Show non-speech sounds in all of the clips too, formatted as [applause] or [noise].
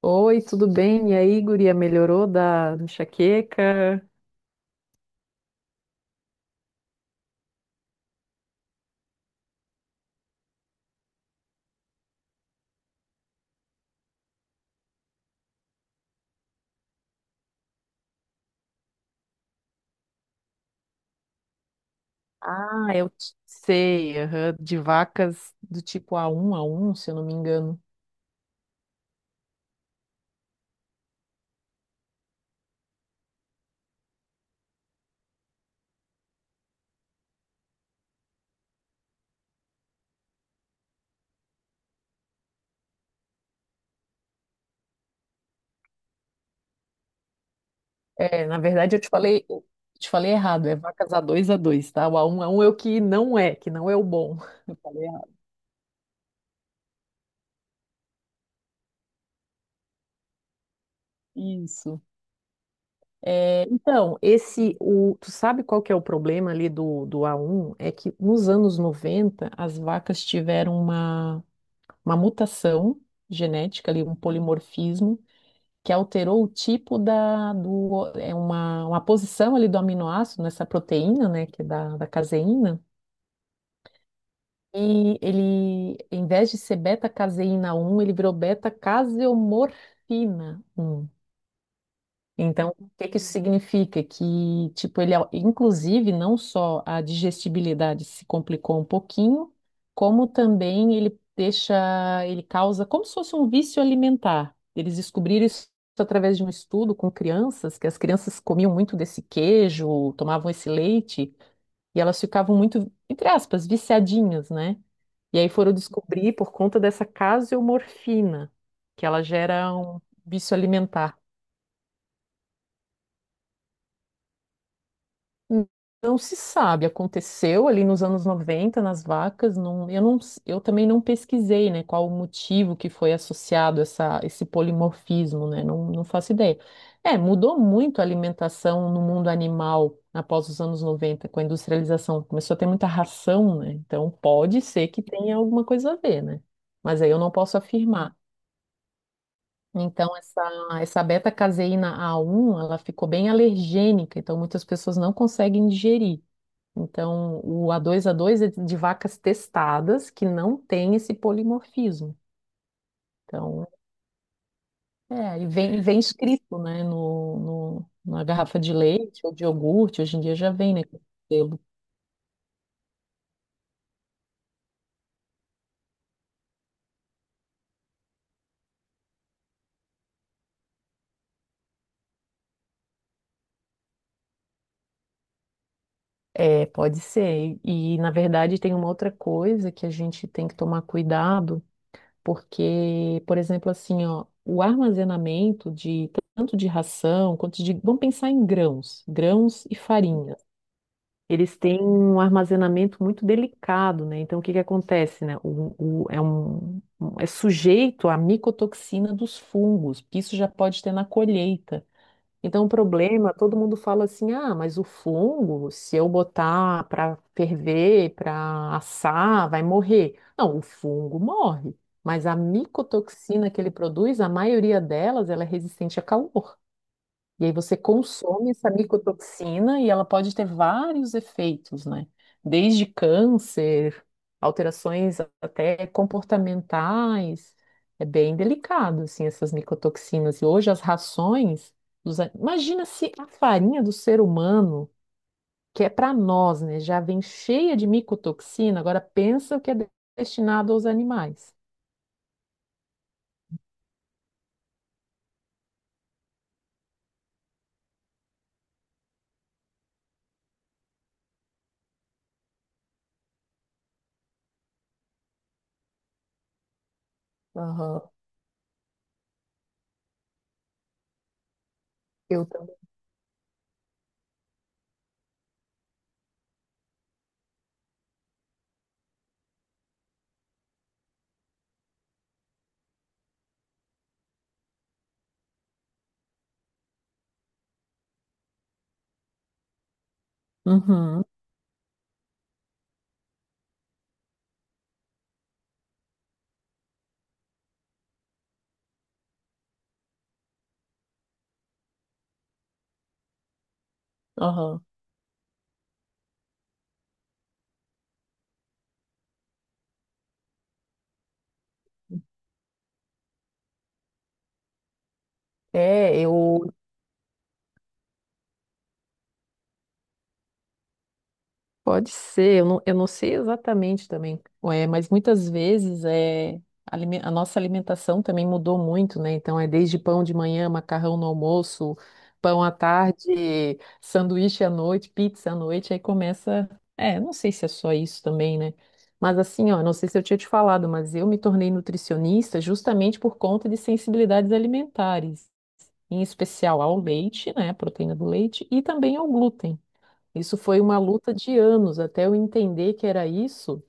Oi, tudo bem? E aí, guria, melhorou da enxaqueca? Ah, eu sei, aham, de vacas do tipo A1A1, se eu não me engano. É, na verdade eu te falei errado, é vacas a dois, tá? O A1A1 é o que não é o bom. [laughs] Eu falei errado. Isso. É, então, tu sabe qual que é o problema ali do a um? É que nos anos 90 as vacas tiveram uma mutação genética ali, um polimorfismo, que alterou o tipo é uma posição ali do aminoácido nessa proteína, né, que é da caseína. E ele, em vez de ser beta-caseína um, ele virou beta-caseomorfina um. Então, o que que isso significa? Que, tipo, inclusive, não só a digestibilidade se complicou um pouquinho, como também ele causa como se fosse um vício alimentar. Eles descobriram isso através de um estudo com crianças, que as crianças comiam muito desse queijo, tomavam esse leite, e elas ficavam muito, entre aspas, viciadinhas, né? E aí foram descobrir por conta dessa caseomorfina, que ela gera um vício alimentar. Não se sabe, aconteceu ali nos anos 90 nas vacas. Não, eu, não, eu também não pesquisei, né, qual o motivo que foi associado esse polimorfismo, né. Não, não faço ideia. É, mudou muito a alimentação no mundo animal após os anos 90 com a industrialização, começou a ter muita ração, né, então pode ser que tenha alguma coisa a ver, né, mas aí eu não posso afirmar. Então, essa beta-caseína a um ela ficou bem alergênica, então muitas pessoas não conseguem digerir. Então, o A2A2 é de vacas testadas que não tem esse polimorfismo. Então, é, e vem escrito, né, na garrafa de leite ou de iogurte, hoje em dia já vem, né, com selo. É, pode ser. E, na verdade, tem uma outra coisa que a gente tem que tomar cuidado, porque, por exemplo, assim, ó, o armazenamento de tanto de ração quanto de, vamos pensar em grãos e farinha. Eles têm um armazenamento muito delicado, né? Então, o que que acontece, né? É sujeito à micotoxina dos fungos, que isso já pode ter na colheita. Então, o problema, todo mundo fala assim, ah, mas o fungo, se eu botar para ferver, para assar, vai morrer. Não, o fungo morre, mas a micotoxina que ele produz, a maioria delas, ela é resistente a calor. E aí você consome essa micotoxina e ela pode ter vários efeitos, né? Desde câncer, alterações até comportamentais. É bem delicado, assim, essas micotoxinas. E hoje as rações. Imagina se a farinha do ser humano, que é para nós, né, já vem cheia de micotoxina, agora pensa o que é destinado aos animais. Aham. Eu também. Uhum. Aham. É, eu pode ser, eu não sei exatamente também, é, mas muitas vezes é, a nossa alimentação também mudou muito, né? Então é desde pão de manhã, macarrão no almoço, pão à tarde, [laughs] sanduíche à noite, pizza à noite, aí começa. É, não sei se é só isso também, né? Mas assim, ó, não sei se eu tinha te falado, mas eu me tornei nutricionista justamente por conta de sensibilidades alimentares, em especial ao leite, né? Proteína do leite e também ao glúten. Isso foi uma luta de anos até eu entender que era isso.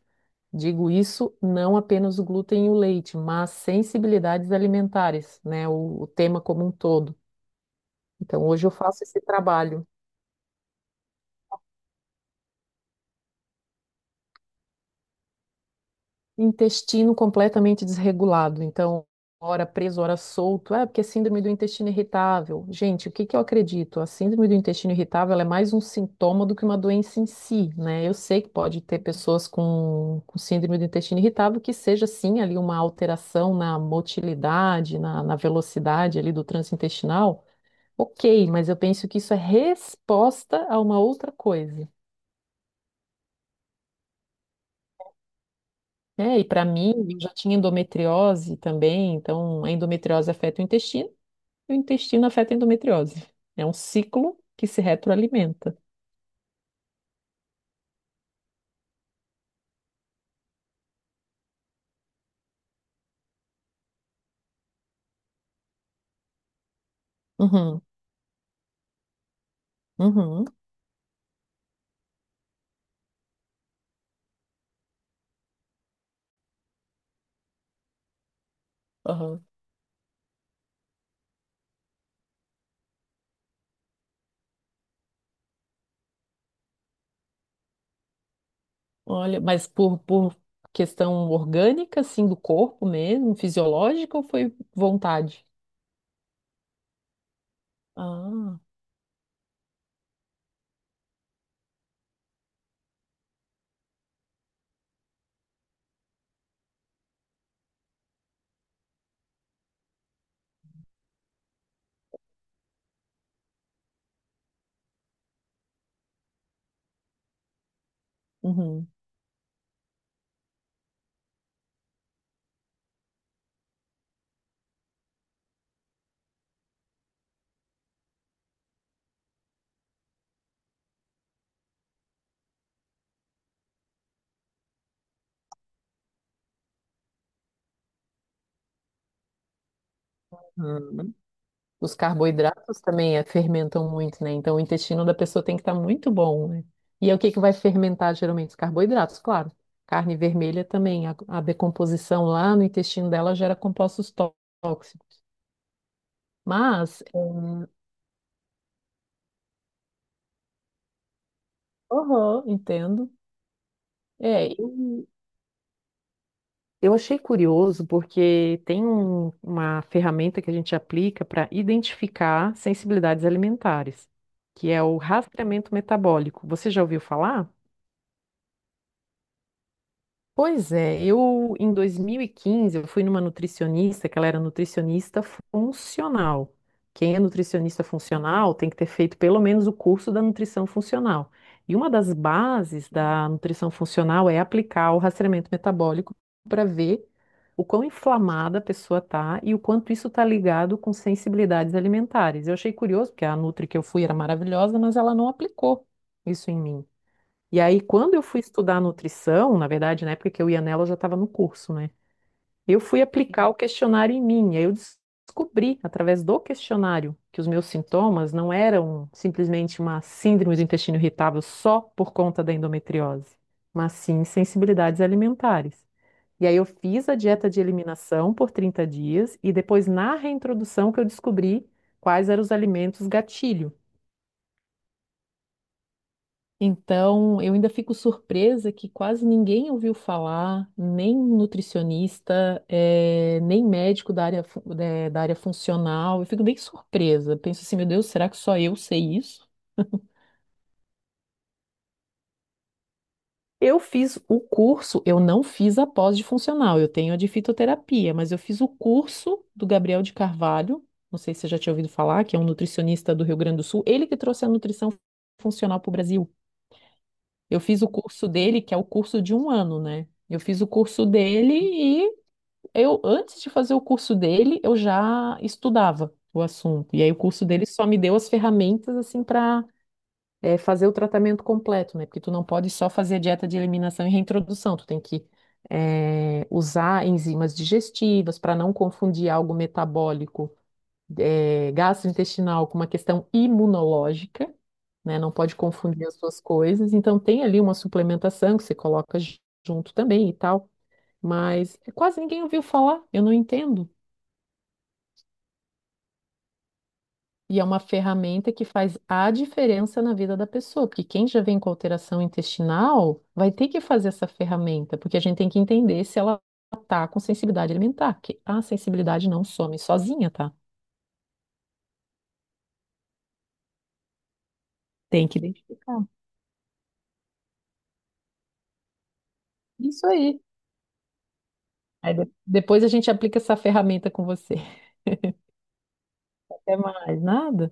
Digo isso não apenas o glúten e o leite, mas sensibilidades alimentares, né? O tema como um todo. Então, hoje eu faço esse trabalho. Intestino completamente desregulado, então, hora preso, hora solto. É, porque é síndrome do intestino irritável. Gente, o que que eu acredito? A síndrome do intestino irritável ela é mais um sintoma do que uma doença em si, né? Eu sei que pode ter pessoas com síndrome do intestino irritável que seja, sim, ali uma alteração na motilidade, na velocidade ali do trânsito intestinal. Ok, mas eu penso que isso é resposta a uma outra coisa. É, e para mim, eu já tinha endometriose também, então a endometriose afeta o intestino e o intestino afeta a endometriose. É um ciclo que se retroalimenta. Uhum, uhum, aham. Olha, mas por questão orgânica, assim, do corpo mesmo, fisiológica, ou foi vontade? Ah, uhum. Ah, os carboidratos também fermentam muito, né? Então o intestino da pessoa tem que estar muito bom, né? E é o que que vai fermentar geralmente? Os carboidratos, claro. Carne vermelha também, a decomposição lá no intestino dela gera compostos tóxicos. Mas, aham, entendo. É, eu achei curioso porque tem uma ferramenta que a gente aplica para identificar sensibilidades alimentares, que é o rastreamento metabólico. Você já ouviu falar? Pois é, eu em 2015 eu fui numa nutricionista, que ela era nutricionista funcional. Quem é nutricionista funcional tem que ter feito pelo menos o curso da nutrição funcional. E uma das bases da nutrição funcional é aplicar o rastreamento metabólico para ver o quão inflamada a pessoa está e o quanto isso está ligado com sensibilidades alimentares. Eu achei curioso, porque a nutri que eu fui era maravilhosa, mas ela não aplicou isso em mim. E aí, quando eu fui estudar nutrição, na verdade, na época que eu ia nela, eu já estava no curso, né? Eu fui aplicar o questionário em mim. Aí eu descobri, através do questionário, que os meus sintomas não eram simplesmente uma síndrome do intestino irritável só por conta da endometriose, mas sim sensibilidades alimentares. E aí eu fiz a dieta de eliminação por 30 dias e depois, na reintrodução, que eu descobri quais eram os alimentos gatilho. Então, eu ainda fico surpresa que quase ninguém ouviu falar, nem nutricionista, nem médico da área funcional. Eu fico bem surpresa. Penso assim, meu Deus, será que só eu sei isso? Eu fiz o curso, eu não fiz a pós de funcional, eu tenho a de fitoterapia, mas eu fiz o curso do Gabriel de Carvalho, não sei se você já tinha ouvido falar, que é um nutricionista do Rio Grande do Sul, ele que trouxe a nutrição funcional para o Brasil. Eu fiz o curso dele, que é o curso de um ano, né? Eu fiz o curso dele e eu, antes de fazer o curso dele, eu já estudava o assunto. E aí o curso dele só me deu as ferramentas assim para fazer o tratamento completo, né? Porque tu não pode só fazer a dieta de eliminação e reintrodução, tu tem que usar enzimas digestivas para não confundir algo metabólico gastrointestinal com uma questão imunológica, né? Não pode confundir as duas coisas. Então tem ali uma suplementação que você coloca junto também e tal, mas quase ninguém ouviu falar, eu não entendo. E é uma ferramenta que faz a diferença na vida da pessoa, porque quem já vem com alteração intestinal vai ter que fazer essa ferramenta, porque a gente tem que entender se ela tá com sensibilidade alimentar, que a sensibilidade não some sozinha, tá? Tem que identificar. Isso aí. Aí depois a gente aplica essa ferramenta com você. Até mais, nada.